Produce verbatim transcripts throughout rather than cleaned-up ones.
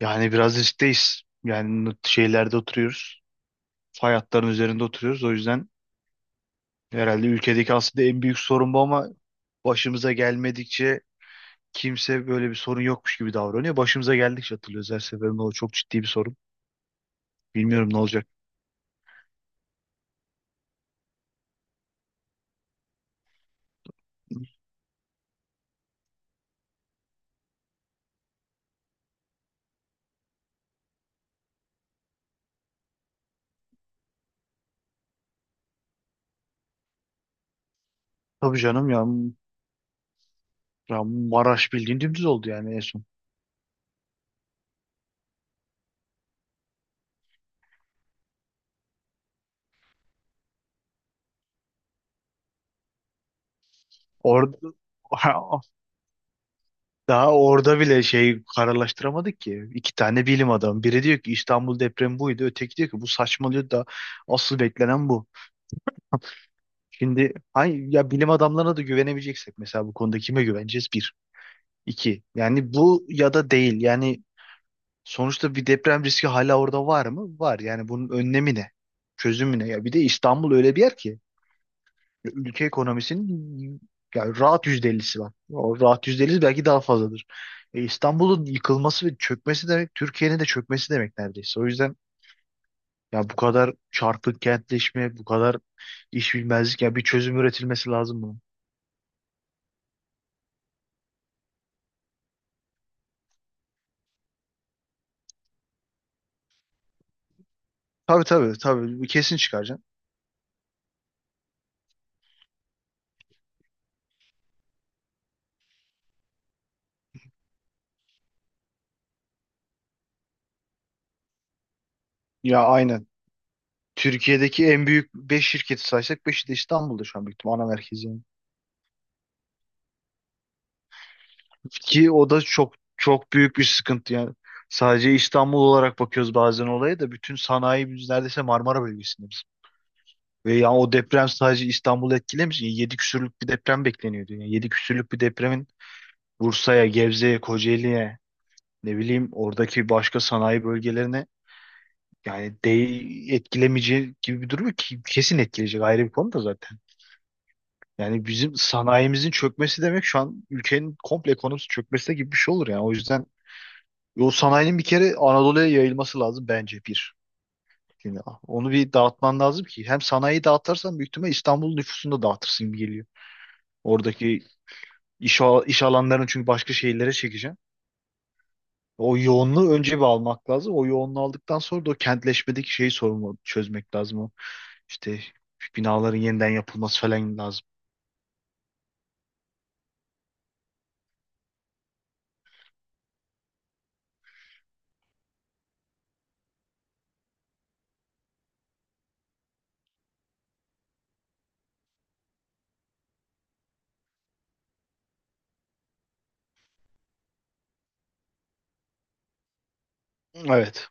Yani biraz riskteyiz. Yani şeylerde oturuyoruz. Fay hatların üzerinde oturuyoruz. O yüzden herhalde ülkedeki aslında en büyük sorun bu ama başımıza gelmedikçe kimse böyle bir sorun yokmuş gibi davranıyor. Başımıza geldikçe hatırlıyoruz, her seferinde o çok ciddi bir sorun. Bilmiyorum ne olacak. Tabii canım ya, ya Maraş bildiğin dümdüz oldu yani en son. Orada daha orada bile şey kararlaştıramadık ki. İki tane bilim adamı. Biri diyor ki İstanbul depremi buydu. Öteki diyor ki bu saçmalıyor da asıl beklenen bu. Şimdi hangi, ya bilim adamlarına da güvenemeyeceksek mesela bu konuda kime güveneceğiz? Bir. İki. Yani bu ya da değil. Yani sonuçta bir deprem riski hala orada var mı? Var. Yani bunun önlemi ne? Çözümü ne? Ya bir de İstanbul öyle bir yer ki ülke ekonomisinin yani rahat yüzde ellisi var. O rahat yüzde ellisi belki daha fazladır. E, İstanbul'un yıkılması ve çökmesi demek Türkiye'nin de çökmesi demek neredeyse. O yüzden ya bu kadar çarpık kentleşme, bu kadar iş bilmezlik, ya bir çözüm üretilmesi lazım bunun. Tabii tabii tabii, kesin çıkaracaksın. Ya aynen. Türkiye'deki en büyük beş şirketi saysak beşi de İstanbul'da şu an büyük ihtimal ana merkezi, yani. Ki o da çok çok büyük bir sıkıntı yani. Sadece İstanbul olarak bakıyoruz bazen olaya da, bütün sanayi biz neredeyse Marmara bölgesinde biz. Ve yani o deprem sadece İstanbul'u etkilemiş. e, Yedi küsürlük bir deprem bekleniyordu. Yani yedi küsürlük bir depremin Bursa'ya, Gebze'ye, Kocaeli'ye, ne bileyim oradaki başka sanayi bölgelerine, yani değil etkilemeyeceği gibi bir durum yok ki, kesin etkileyecek, ayrı bir konu da zaten. Yani bizim sanayimizin çökmesi demek şu an ülkenin komple ekonomisi çökmesi gibi bir şey olur yani. O yüzden o sanayinin bir kere Anadolu'ya yayılması lazım bence, bir. Şimdi onu bir dağıtman lazım ki, hem sanayiyi dağıtırsan büyük ihtimal İstanbul nüfusunu da dağıtırsın gibi geliyor. Oradaki iş, al- iş alanlarını çünkü başka şehirlere çekeceksin. O yoğunluğu önce bir almak lazım. O yoğunluğu aldıktan sonra da o kentleşmedeki şeyi, sorunu çözmek lazım. İşte binaların yeniden yapılması falan lazım. Evet.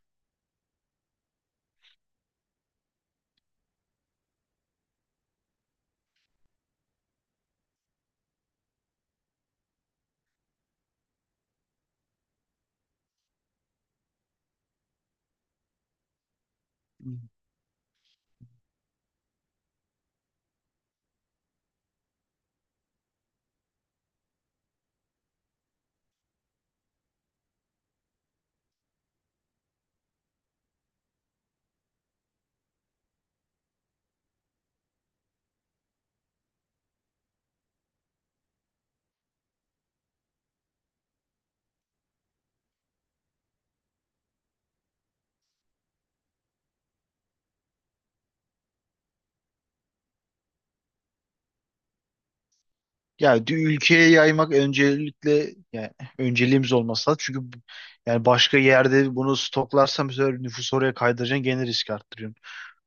Ya dü- ülkeye yaymak öncelikle, yani önceliğimiz olması lazım. Çünkü bu- yani başka yerde bunu stoklarsam bu sefer nüfusu oraya kaydıracaksın, gene risk arttırıyorsun.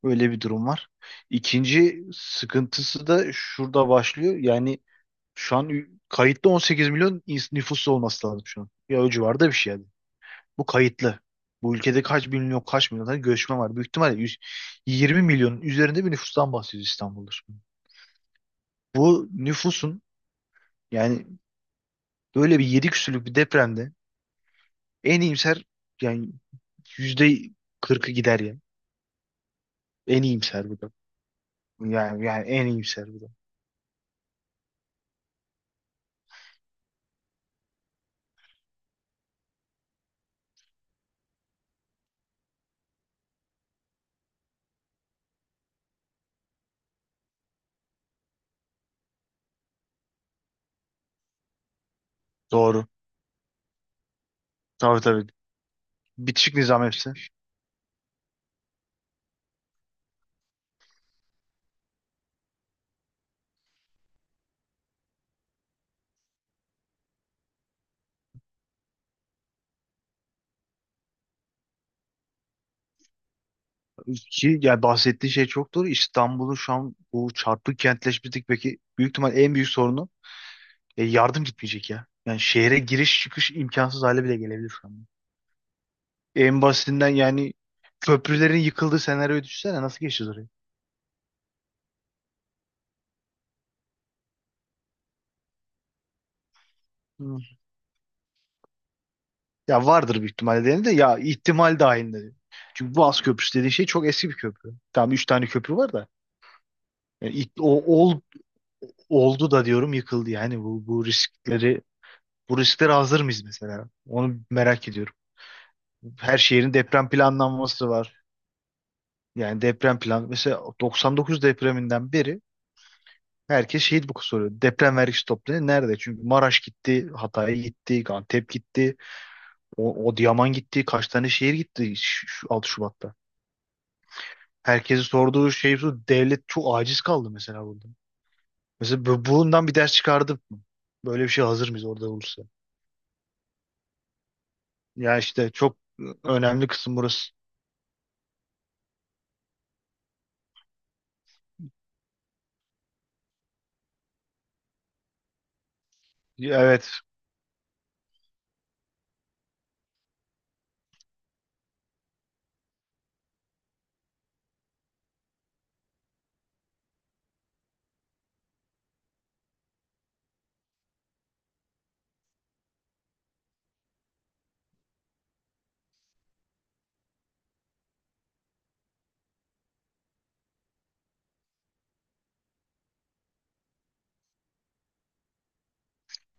Öyle bir durum var. İkinci sıkıntısı da şurada başlıyor. Yani şu an ü- kayıtlı on sekiz milyon ins- nüfusu olması lazım şu an. Ya o civarda bir şey yani. Bu kayıtlı. Bu ülkede kaç milyon kaç milyon tane göçmen var. Büyük ihtimalle yüz, yirmi milyonun üzerinde bir nüfustan bahsediyoruz İstanbul'da, şimdi. Bu nüfusun yani böyle bir yedi küsürlük bir depremde en iyimser, yani yüzde kırkı gider ya. En iyimser bu da. Yani, yani en iyimser bu da. Doğru. Tabii tabii. Bitişik nizam hepsi. Ki yani bahsettiği şey çok doğru. İstanbul'un şu an bu çarpık kentleşmesindeki peki büyük ihtimal en büyük sorunu. E, yardım gitmeyecek ya. Yani şehre giriş çıkış imkansız hale bile gelebilir şu an. En basitinden yani köprülerin yıkıldığı senaryoyu düşünsene, nasıl geçeceğiz orayı? Hı. Ya vardır büyük ihtimalle diyelim de, ya ihtimal dahilinde, diyor. Çünkü Boğaz Köprüsü dediğin şey çok eski bir köprü. Tamam, üç tane köprü var da. Yani ilk- o, ol- Oldu da diyorum yıkıldı yani, bu, bu riskleri bu risklere hazır mıyız mesela? Onu merak ediyorum. Her şehrin deprem planlanması var. Yani deprem plan, mesela doksan dokuz depreminden beri herkes şehit bu soruyor. Deprem vergisi toplanıyor. Nerede? Çünkü Maraş gitti, Hatay gitti, Antep gitti, o, Adıyaman gitti. Kaç tane şehir gitti şu, şu altı Şubat'ta. Herkesi sorduğu şey şu. Devlet çok aciz kaldı mesela burada. Mesela bu- bundan bir ders çıkardık mı? Böyle bir şey hazır mıyız orada olursa? Ya işte çok önemli kısım burası. Evet.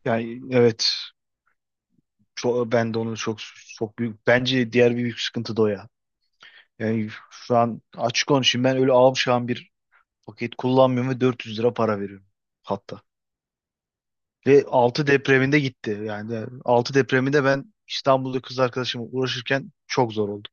Yani evet. Çok, ben de onu çok, çok büyük. Bence diğer bir büyük sıkıntı da o ya. Yani şu an açık konuşayım, ben öyle avşan bir paket kullanmıyorum ve dört yüz lira para veriyorum hatta. Ve altı depreminde gitti. Yani altı depreminde ben İstanbul'da kız arkadaşımla uğraşırken çok zor oldu.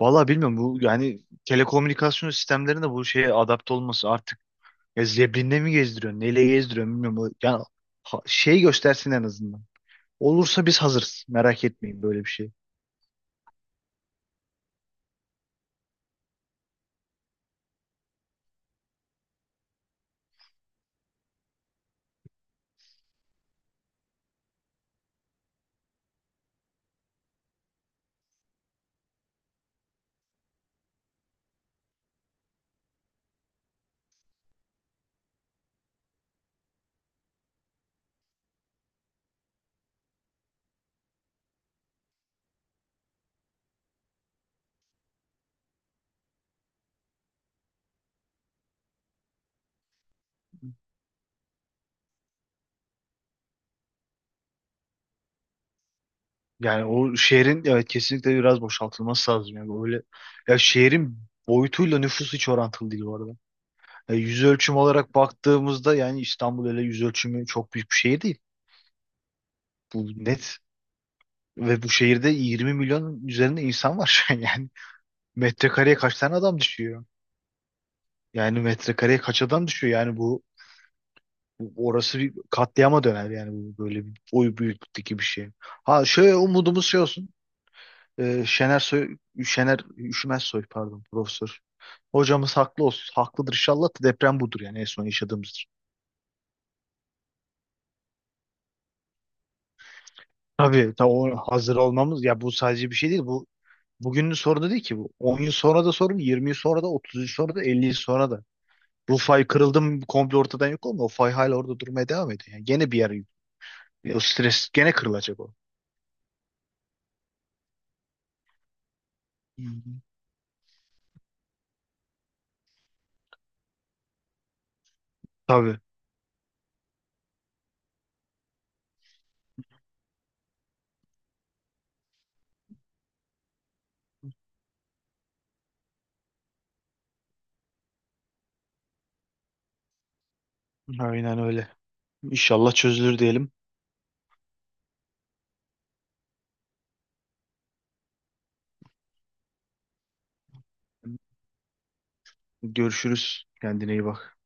Vallahi bilmiyorum bu, yani telekomünikasyon sistemlerinde bu şeye adapte olması artık, ya zebrinle mi gezdiriyor, neyle gezdiriyor bilmiyorum. O- Yani ha- şey göstersin en azından. Olursa biz hazırız, merak etmeyin böyle bir şey. Yani o şehrin, evet, kesinlikle biraz boşaltılması lazım. Yani böyle ya, şehrin boyutuyla nüfusu hiç orantılı değil bu arada. E, yüz ölçümü olarak baktığımızda yani İstanbul öyle yüz ölçümü çok büyük bir şehir değil. Bu net. Ve bu şehirde yirmi milyon üzerinde insan var şu an yani. Metrekareye kaç tane adam düşüyor? Yani metrekareye kaç adam düşüyor? Yani bu bu- orası bir katliama döner yani, bu böyle bir oy büyüklükteki bir şey. Ha, şöyle umudumuz şey olsun. E, Şener Soy, Şener Üşümez Soy, pardon, profesör hocamız haklı olsun. Haklıdır inşallah, da deprem budur yani, en son yaşadığımızdır. Tabii, ta o hazır olmamız, ya bu sadece bir şey değil, bu bugünün sorunu değil ki bu. on yıl sonra da sorun, yirmi yıl sonra da, otuz yıl sonra da, elli yıl sonra da. Bu fay kırıldı mı komple ortadan yok olmuyor. O fay hala orada durmaya devam ediyor. Yani gene bir yer, o stres gene kırılacak, o. Hı hı. Tabii. Aynen öyle. İnşallah çözülür diyelim. Görüşürüz. Kendine iyi bak.